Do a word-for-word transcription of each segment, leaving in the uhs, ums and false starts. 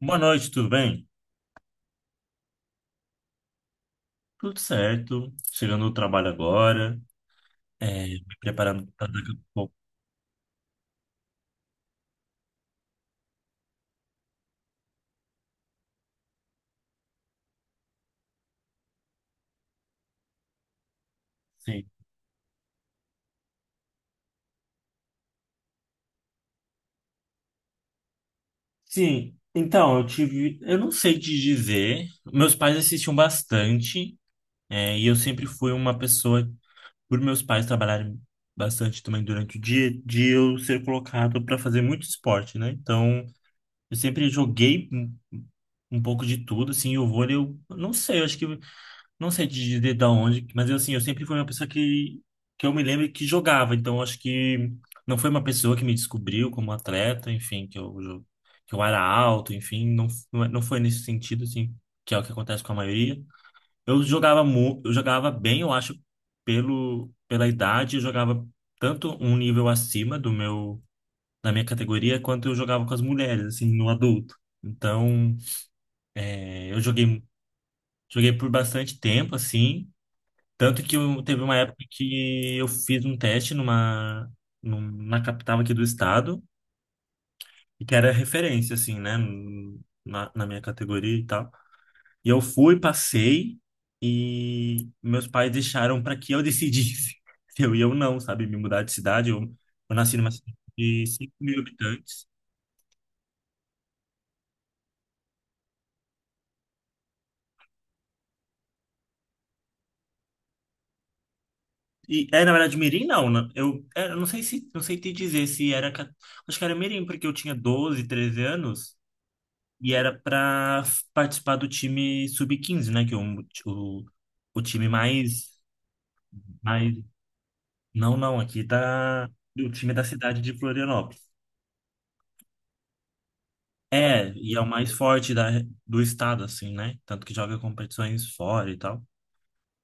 Boa noite, tudo bem? Tudo certo. Chegando no trabalho agora, é, me preparando para daqui a pouco. Sim. Sim, então, eu tive. Eu não sei te dizer. Meus pais assistiam bastante, é, e eu sempre fui uma pessoa, por meus pais trabalharem bastante também durante o dia, de eu ser colocado para fazer muito esporte, né? Então, eu sempre joguei um um pouco de tudo, assim, e o vôlei, eu não sei, eu acho que. Não sei te dizer da onde, mas eu, assim, eu sempre fui uma pessoa que, que eu me lembro que jogava, então acho que não foi uma pessoa que me descobriu como atleta, enfim, que eu, jo- que eu era alto, enfim, não, f- não é- não foi nesse sentido, assim, que é o que acontece com a maioria. Eu jogava, mu- eu jogava bem, eu acho, pelo, pela idade, eu jogava tanto um nível acima do meu, da minha categoria, quanto eu jogava com as mulheres, assim, no adulto. Então, eh, eu joguei, joguei por bastante tempo, assim. Tanto que eu- teve uma época que eu fiz um teste numa, numa capital aqui do estado, e que era referência, assim, né, na, na minha categoria e tal. E eu fui, passei, e meus pais deixaram para que eu decidisse se eu ia ou não, sabe, me mudar de cidade. Eu, eu nasci numa cidade de cinco mil habitantes. E, é, na verdade, Mirim não, né? Eu, é, eu não sei se, não sei te dizer se era, ca- acho que era Mirim, porque eu tinha doze treze anos, e era para participar do time sub quinze, né? Que é um- o, o, time mais, mais. Não, não, aqui da. O time da cidade de Florianópolis. É, e é o mais forte da, do estado, assim, né? Tanto que joga competições fora e tal.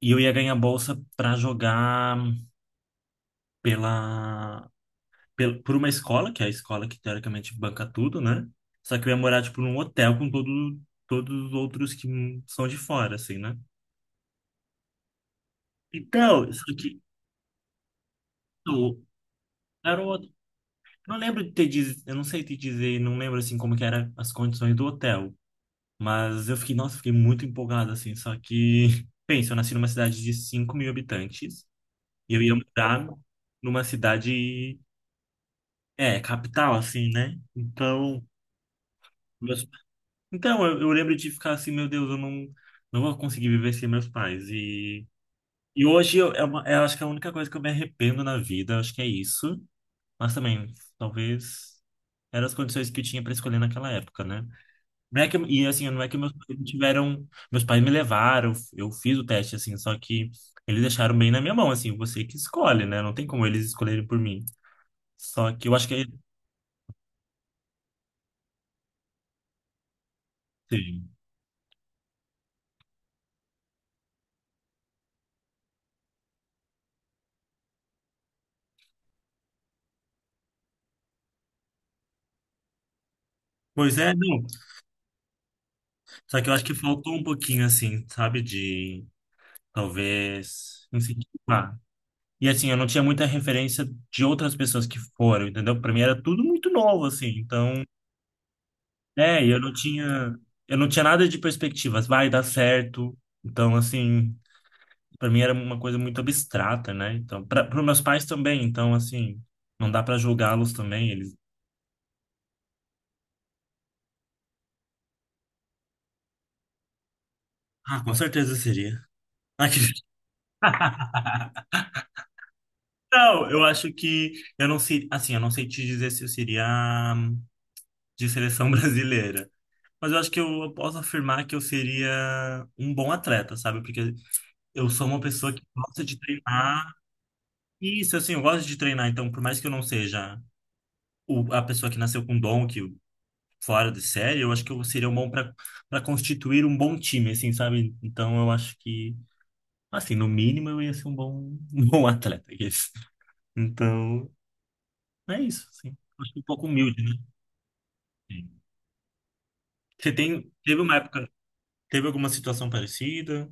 E eu ia ganhar bolsa para jogar pela, pel- por uma escola, que é a escola que teoricamente banca tudo, né? Só que eu ia morar, tipo, num hotel com todo, todos os outros que são de fora, assim, né? Então, só que. Garoto, não lembro de ter diz, eu não sei te dizer, não lembro assim como que eram as condições do hotel, mas eu fiquei, nossa, fiquei muito empolgado assim, só que, pensa, eu nasci numa cidade de cinco mil habitantes e eu ia morar numa cidade, é, capital assim, né? Então, meus- então eu, eu lembro de ficar assim, meu Deus, eu não, não vou conseguir viver sem meus pais e e hoje eu, é uma, eu acho que é a única coisa que eu me arrependo na vida, acho que é isso, mas também, talvez eram as condições que tinha para escolher naquela época, né? Não é que, e assim, não é que meus pais tiveram, meus pais me levaram, eu fiz o teste assim, só que eles deixaram bem na minha mão, assim, você que escolhe, né? Não tem como eles escolherem por mim. Só que eu acho que é sim. Pois é, não. Só que eu acho que faltou um pouquinho assim, sabe, de talvez incentivar. E assim, eu não tinha muita referência de outras pessoas que foram, entendeu? Pra mim era tudo muito novo assim, então é, e eu não tinha, eu não tinha nada de perspectivas, vai dar certo. Então, assim, para mim era uma coisa muito abstrata, né? Então, para os meus pais também, então assim, não dá para julgá-los também, eles Ah, com certeza seria. Ah, que- Não, eu acho que eu não sei, assim, eu não sei te dizer se eu seria hum, de seleção brasileira, mas eu acho que eu posso afirmar que eu seria um bom atleta, sabe? Porque eu sou uma pessoa que gosta de treinar. Isso, assim, eu gosto de treinar, então, por mais que eu não seja o- a pessoa que nasceu com dom, que fora de série, eu acho que eu seria um bom para para constituir um bom time, assim, sabe? Então, eu acho que, assim, no mínimo eu ia ser um bom, um bom atleta, I guess. Então, é isso, assim. Acho que é um pouco humilde, né? Sim. Você tem, teve uma época, teve alguma situação parecida?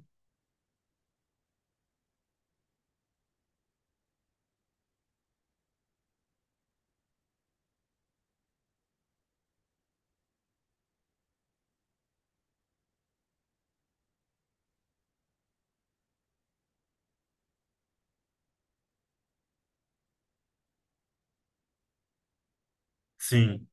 Sim,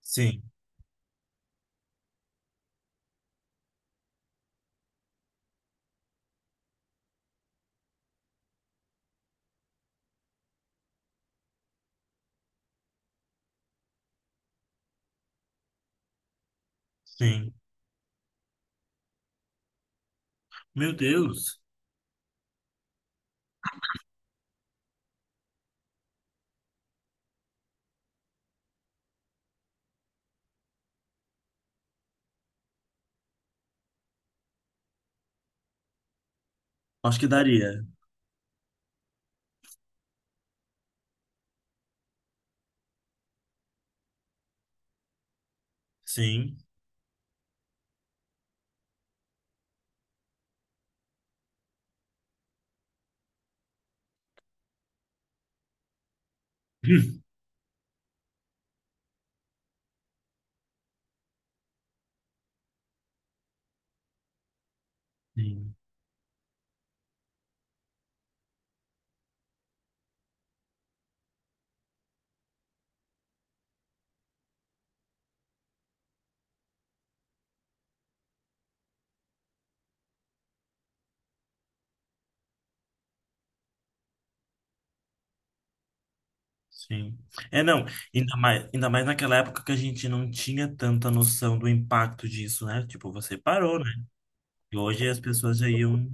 sim, sim. Meu Deus, acho que daria. Sim. Sim. Sim. É, não, ainda mais, ainda mais naquela época que a gente não tinha tanta noção do impacto disso, né? Tipo, você parou, né? E hoje as pessoas já iam.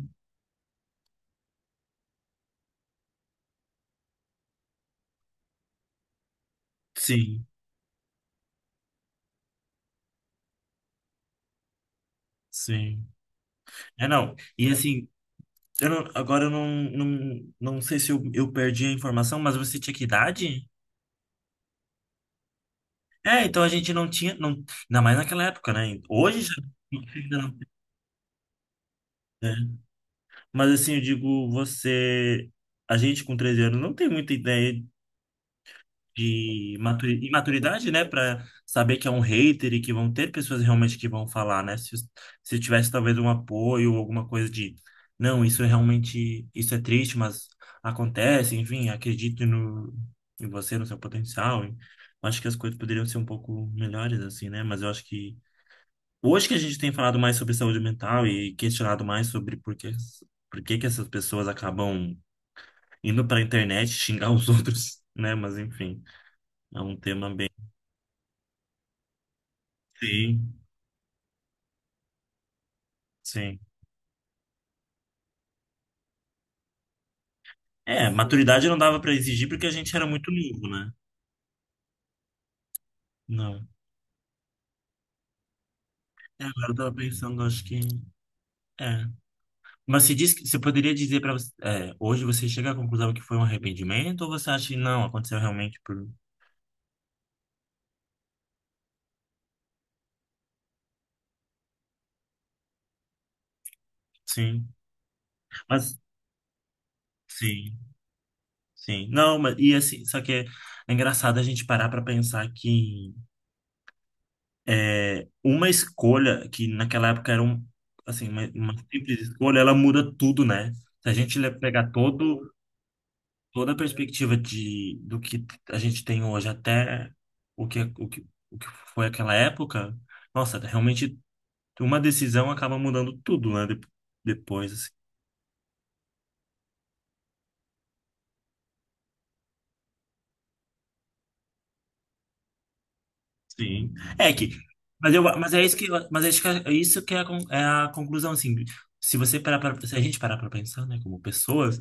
Sim, sim. É, não. E assim, eu não- agora eu não, não, não sei se eu, eu perdi a informação, mas você tinha que idade? É, então a gente não tinha. Não, ainda mais naquela época, né? Hoje já. Ainda não- né? Mas assim, eu digo, você. A gente com treze anos não tem muita ideia de matu- imaturidade, né, para saber que é um hater e que vão ter pessoas realmente que vão falar, né? Se, se tivesse talvez um apoio ou alguma coisa de, não, isso é realmente, isso é triste, mas acontece, enfim, acredito no, em você, no seu potencial. E eu acho que as coisas poderiam ser um pouco melhores assim, né? Mas eu acho que hoje que a gente tem falado mais sobre saúde mental e questionado mais sobre por que, por que que essas pessoas acabam indo para a internet xingar os outros, né? Mas enfim, é um tema bem Sim, sim. É, maturidade não dava para exigir porque a gente era muito novo, né? Não. É, agora eu tava pensando, acho que. É. Mas se diz que você poderia dizer para você, é, hoje você chega à conclusão que foi um arrependimento ou você acha que não, aconteceu realmente por. Sim. Mas. Sim, sim. Não, mas. E assim, só que é, é engraçado a gente parar para pensar que é, uma escolha que naquela época era um. Assim, uma, uma simples escolha, ela muda tudo, né? Se a gente le- pegar todo toda a perspectiva de, do que a gente tem hoje até o que, é, o que, o que foi aquela época, nossa, realmente uma decisão acaba mudando tudo, né? de- Depois, assim. Sim. É que, mas eu, mas é isso que, eu- mas acho que é isso que é a, con- é a conclusão, assim. Se você parar para, se a gente parar para pensar, né, como pessoas,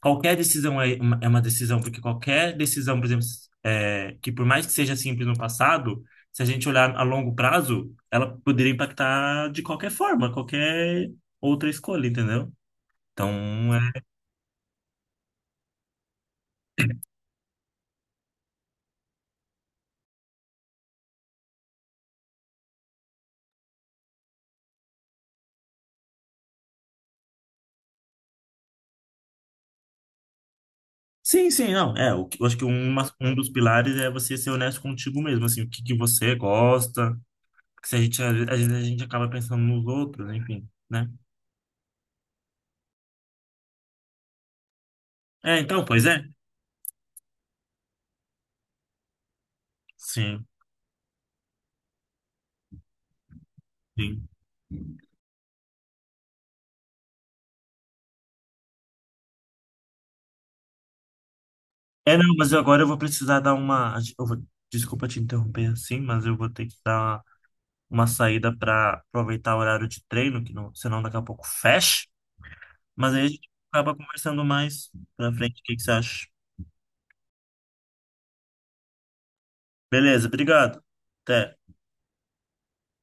qualquer decisão é uma, é uma decisão, porque qualquer decisão, por exemplo, é, que por mais que seja simples no passado, se a gente olhar a longo prazo, ela poderia impactar de qualquer forma, qualquer outra escolha, entendeu? Então, é... Sim, sim, não. É, o que- eu acho que uma, um dos pilares é você ser honesto contigo mesmo, assim, o que que você gosta. Porque se a gente, às vezes a gente acaba pensando nos outros, enfim, né? É, então, pois é. Sim, sim. É, não, mas agora eu vou precisar dar uma. Eu vou- desculpa te interromper assim, mas eu vou ter que dar uma saída para aproveitar o horário de treino, que não, senão daqui a pouco fecha. Mas aí a gente acaba conversando mais pra frente. O que que você acha? Beleza, obrigado. Até.